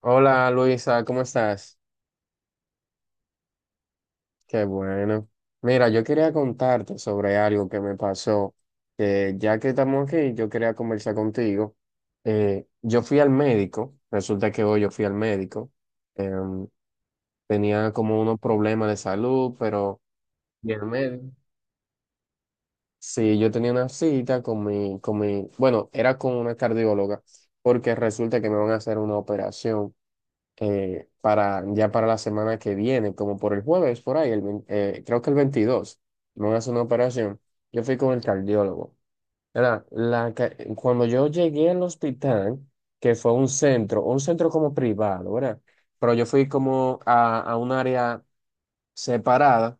Hola Luisa, ¿cómo estás? Qué bueno. Mira, yo quería contarte sobre algo que me pasó, que ya que estamos aquí, yo quería conversar contigo. Yo fui al médico. Resulta que hoy yo fui al médico. em, Tenía como unos problemas de salud, pero y el médico, sí, yo tenía una cita con mi, bueno, era con una cardióloga, porque resulta que me van a hacer una operación. Para la semana que viene, como por el jueves, por ahí, creo que el 22 me van a hacer una operación. Yo fui con el cardiólogo. Era la, ca- Cuando yo llegué al hospital, que fue un centro como privado, ¿verdad? Pero yo fui como a un área separada,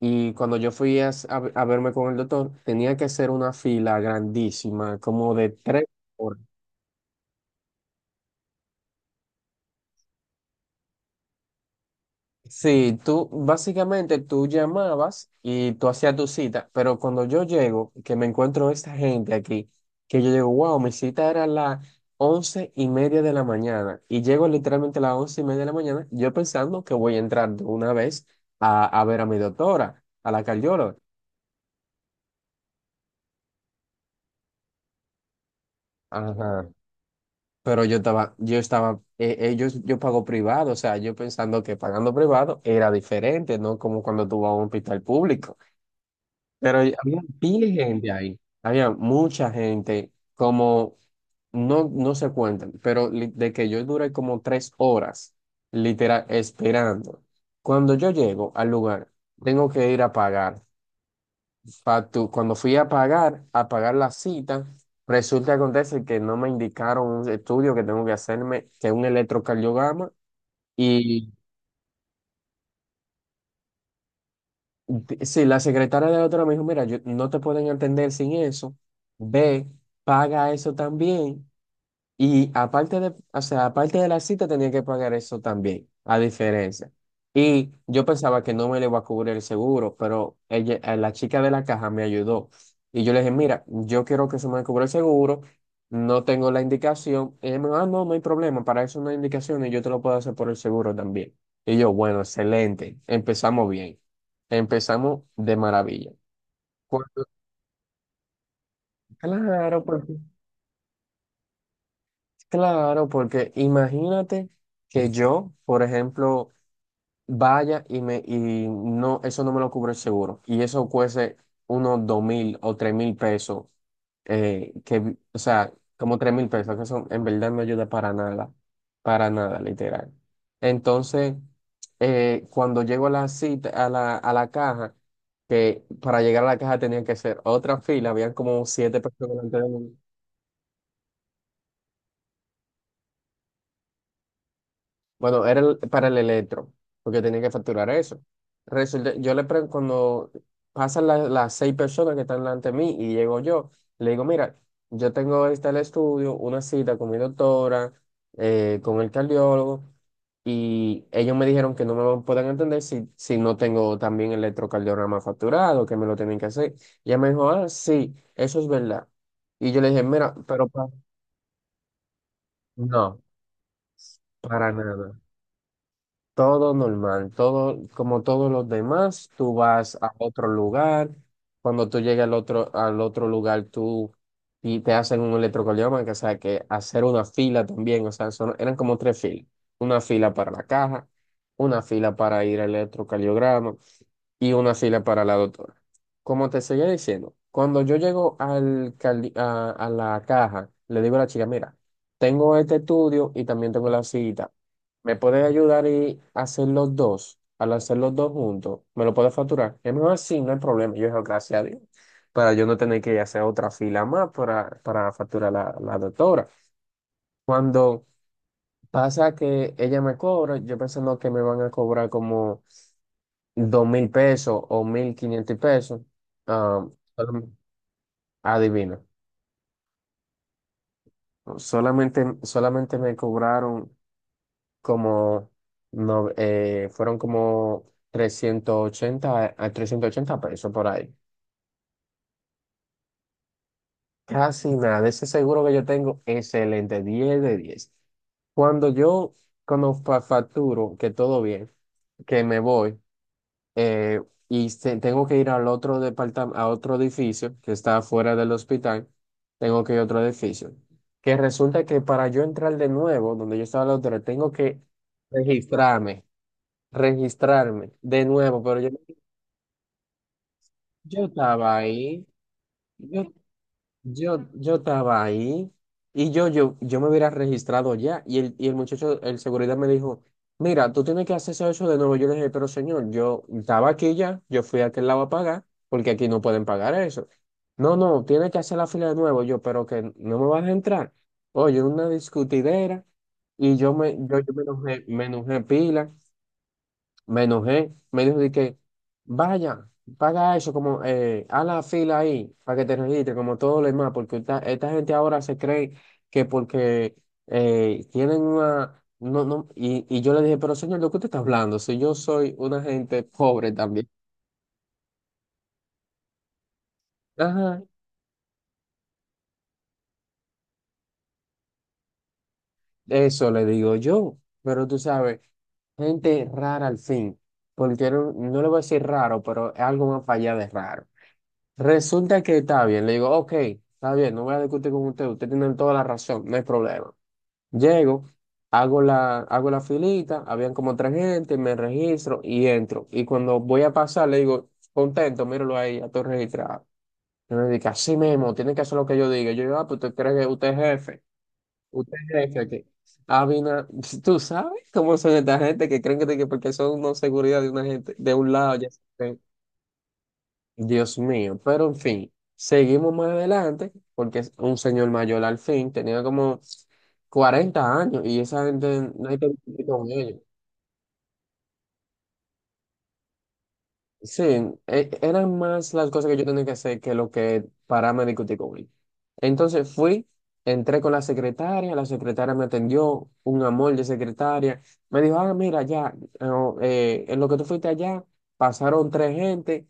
y cuando yo fui a verme con el doctor, tenía que hacer una fila grandísima, como de tres. Sí, tú básicamente tú llamabas y tú hacías tu cita, pero cuando yo llego, que me encuentro esta gente aquí, que yo digo, wow, mi cita era a las 11:30 de la mañana y llego literalmente a las 11:30 de la mañana, yo pensando que voy a entrar de una vez a ver a mi doctora, a la cardióloga. Ajá. Pero yo pago privado, o sea, yo pensando que pagando privado era diferente, ¿no? Como cuando tú vas a un hospital público. Pero había pila de gente ahí, había mucha gente, como no, no se cuentan, pero de que yo duré como 3 horas, literal, esperando. Cuando yo llego al lugar, tengo que ir a pagar. Cuando fui a pagar la cita, resulta que acontece que no me indicaron un estudio que tengo que hacerme, que es un electrocardiograma, y sí, la secretaria de la otra me dijo, mira, yo, no te pueden atender sin eso, ve, paga eso también. Y aparte de, o sea, aparte de la cita tenía que pagar eso también, a diferencia. Y yo pensaba que no me le iba a cubrir el seguro, pero ella, la chica de la caja me ayudó. Y yo le dije, mira, yo quiero que se me cubra el seguro, no tengo la indicación. Y ella me dijo, ah, no, no hay problema, para eso no hay indicación y yo te lo puedo hacer por el seguro también. Y yo, bueno, excelente, empezamos bien, empezamos de maravilla. Cuando- Claro, porque Claro, porque imagínate que yo, por ejemplo, vaya y me y no, eso no me lo cubre el seguro. Y eso cueste unos 2.000 o 3.000 pesos, que, o sea, como 3.000 pesos, que eso en verdad no ayuda para nada, literal. Entonces, cuando llego a la cita, a la caja, que para llegar a la caja tenía que hacer otra fila, habían como siete personas delante de mí. Bueno, era para el electro, porque tenía que facturar eso. Resulta, yo le pregunto, cuando pasan las seis personas que están delante de mí y llego yo, le digo, mira, yo tengo este el estudio, una cita con mi doctora, con el cardiólogo, y ellos me dijeron que no me lo pueden entender si no tengo también el electrocardiograma facturado, que me lo tienen que hacer. Y ella me dijo, ah, sí, eso es verdad. Y yo le dije, mira, no, para nada. Todo normal, todo como todos los demás, tú vas a otro lugar, cuando tú llegas al otro lugar, tú y te hacen un electrocardiograma, que, o sea, que hacer una fila también, o sea, eran como tres filas, una fila para la caja, una fila para ir al electrocardiograma y una fila para la doctora. Como te seguía diciendo, cuando yo llego a la caja, le digo a la chica, mira, tengo este estudio y también tengo la cita. ¿Me puedes ayudar y hacer los dos? Al hacer los dos juntos, ¿me lo puedes facturar? Es mejor así, no hay problema. Yo digo, gracias a Dios. Para yo no tener que hacer otra fila más para facturar la doctora. Cuando pasa que ella me cobra, yo pensando que me van a cobrar como 2.000 pesos o 1.500 pesos. ah, solam- Adivina. Solamente, solamente me cobraron como no, fueron como trescientos ochenta pesos por ahí. Casi nada, ese seguro que yo tengo, excelente, 10 de 10. Cuando yo, cuando facturo, que todo bien, que me voy, eh, tengo que ir al otro departamento, a otro edificio que está afuera del hospital, tengo que ir a otro edificio, que resulta que para yo entrar de nuevo, donde yo estaba la otra, tengo que registrarme, registrarme de nuevo, pero yo estaba ahí, yo yo estaba ahí y yo me hubiera registrado ya, y el muchacho, el seguridad me dijo, mira, tú tienes que hacerse eso de nuevo. Yo le dije, pero señor, yo estaba aquí ya, yo fui a aquel lado a pagar porque aquí no pueden pagar eso. No, no, tiene que hacer la fila de nuevo. Yo, pero que no me vas a entrar. Oye, una discutidera, y yo me enojé pila. Me enojé, me dijo de que vaya, paga eso, como haz la fila ahí para que te registre, como todo lo demás, porque esta gente ahora se cree que porque tienen una. No, no, y yo le dije, pero señor, ¿de qué usted está hablando? Si yo soy una gente pobre también. Ajá, eso le digo yo, pero tú sabes, gente rara al fin, porque no, no le voy a decir raro, pero es algo más allá de raro. Resulta que está bien. Le digo, ok, está bien, no voy a discutir con usted. Usted tiene toda la razón, no hay problema. Llego, hago la filita, habían como tres gente, me registro y entro. Y cuando voy a pasar, le digo, contento, míralo ahí, ya estoy registrado. Y me dice, así mismo, tiene que hacer lo que yo diga. Yo digo, ah, pues usted cree que usted es jefe. Usted es jefe aquí. Habina, tú sabes cómo son esta gente que creen que porque son una seguridad de una gente, de un lado, ya. Dios mío, pero en fin, seguimos más adelante porque es un señor mayor, al fin tenía como 40 años y esa gente no hay que discutir con ellos. Sí, eran más las cosas que yo tenía que hacer que lo que pararme a discutir con él. Entonces fui, entré con la secretaria me atendió, un amor de secretaria. Me dijo, ah, mira, ya, no, en lo que tú fuiste allá, pasaron tres gente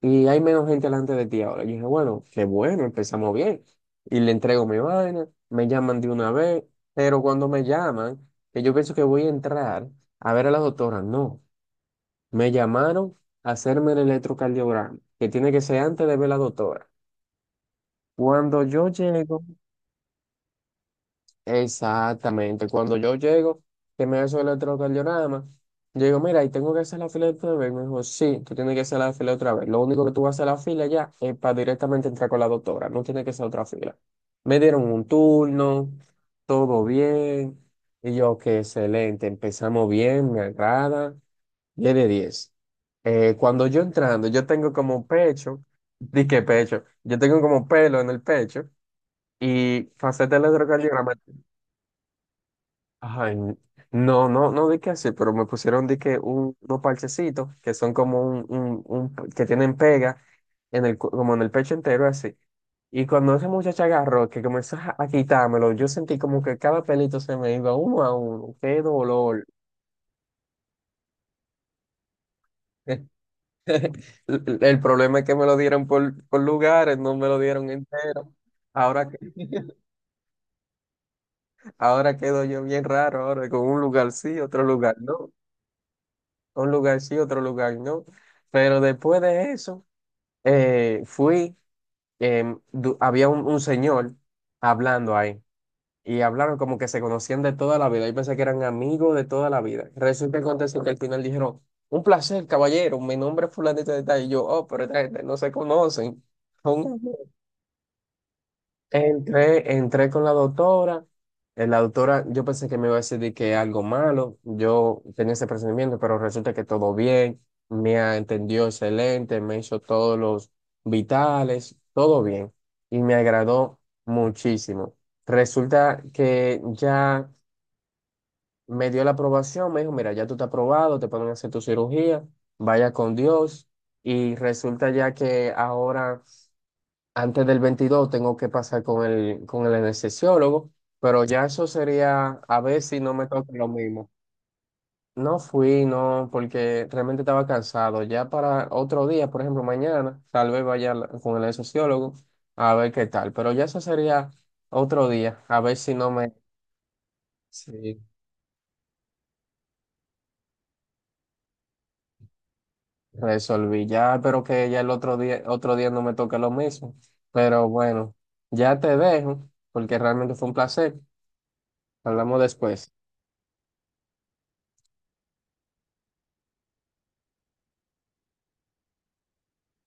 y hay menos gente delante de ti ahora. Yo dije, bueno, qué bueno, empezamos bien. Y le entrego mi vaina, me llaman de una vez, pero cuando me llaman, que yo pienso que voy a entrar a ver a la doctora, no. Me llamaron a hacerme el electrocardiograma, que tiene que ser antes de ver la doctora. Cuando yo llego, exactamente, cuando yo llego, que me hace el electrocardiograma, yo digo, mira, y tengo que hacer la fila otra vez. Me dijo, sí, tú tienes que hacer la fila otra vez. Lo único que tú vas a hacer la fila ya es para directamente entrar con la doctora, no tiene que ser otra fila. Me dieron un turno, todo bien, y yo, qué excelente, empezamos bien, me agrada. Tiene diez. Cuando yo entrando, yo tengo como pecho, di que pecho, yo tengo como pelo en el pecho y faceta electrocardiograma. Ay, no, no, no di que así, pero me pusieron di que unos parchecitos que son como que tienen pega en el, como en el pecho entero así. Y cuando esa muchacha agarró, que comenzó a quitármelo, yo sentí como que cada pelito se me iba uno a uno. ¡Qué dolor! El problema es que me lo dieron por lugares, no me lo dieron entero. Ahora, ahora quedo yo bien raro, ahora con un lugar sí, otro lugar no, un lugar sí, otro lugar no. Pero después de eso, fui, había un señor hablando ahí y hablaron como que se conocían de toda la vida. Yo pensé que eran amigos de toda la vida. Resulta y acontece que al final dijeron, un placer, caballero, mi nombre es fulanito de tal. Y yo, oh, pero esta gente no se conocen. Entré, entré con la doctora. La doctora, yo pensé que me iba a decir de que algo malo. Yo tenía ese presentimiento, pero resulta que todo bien. Me entendió excelente, me hizo todos los vitales, todo bien. Y me agradó muchísimo. Resulta que ya me dio la aprobación. Me dijo, mira, ya tú estás aprobado, te pueden hacer tu cirugía. Vaya con Dios. Y resulta ya que ahora antes del 22 tengo que pasar con el anestesiólogo, pero ya eso sería a ver si no me toca lo mismo. No fui, no, porque realmente estaba cansado. Ya para otro día, por ejemplo, mañana, tal vez vaya con el sociólogo a ver qué tal. Pero ya eso sería otro día, a ver si no me sí, resolví. Ya espero que ya el otro día no me toque lo mismo. Pero bueno, ya te dejo, porque realmente fue un placer. Hablamos después.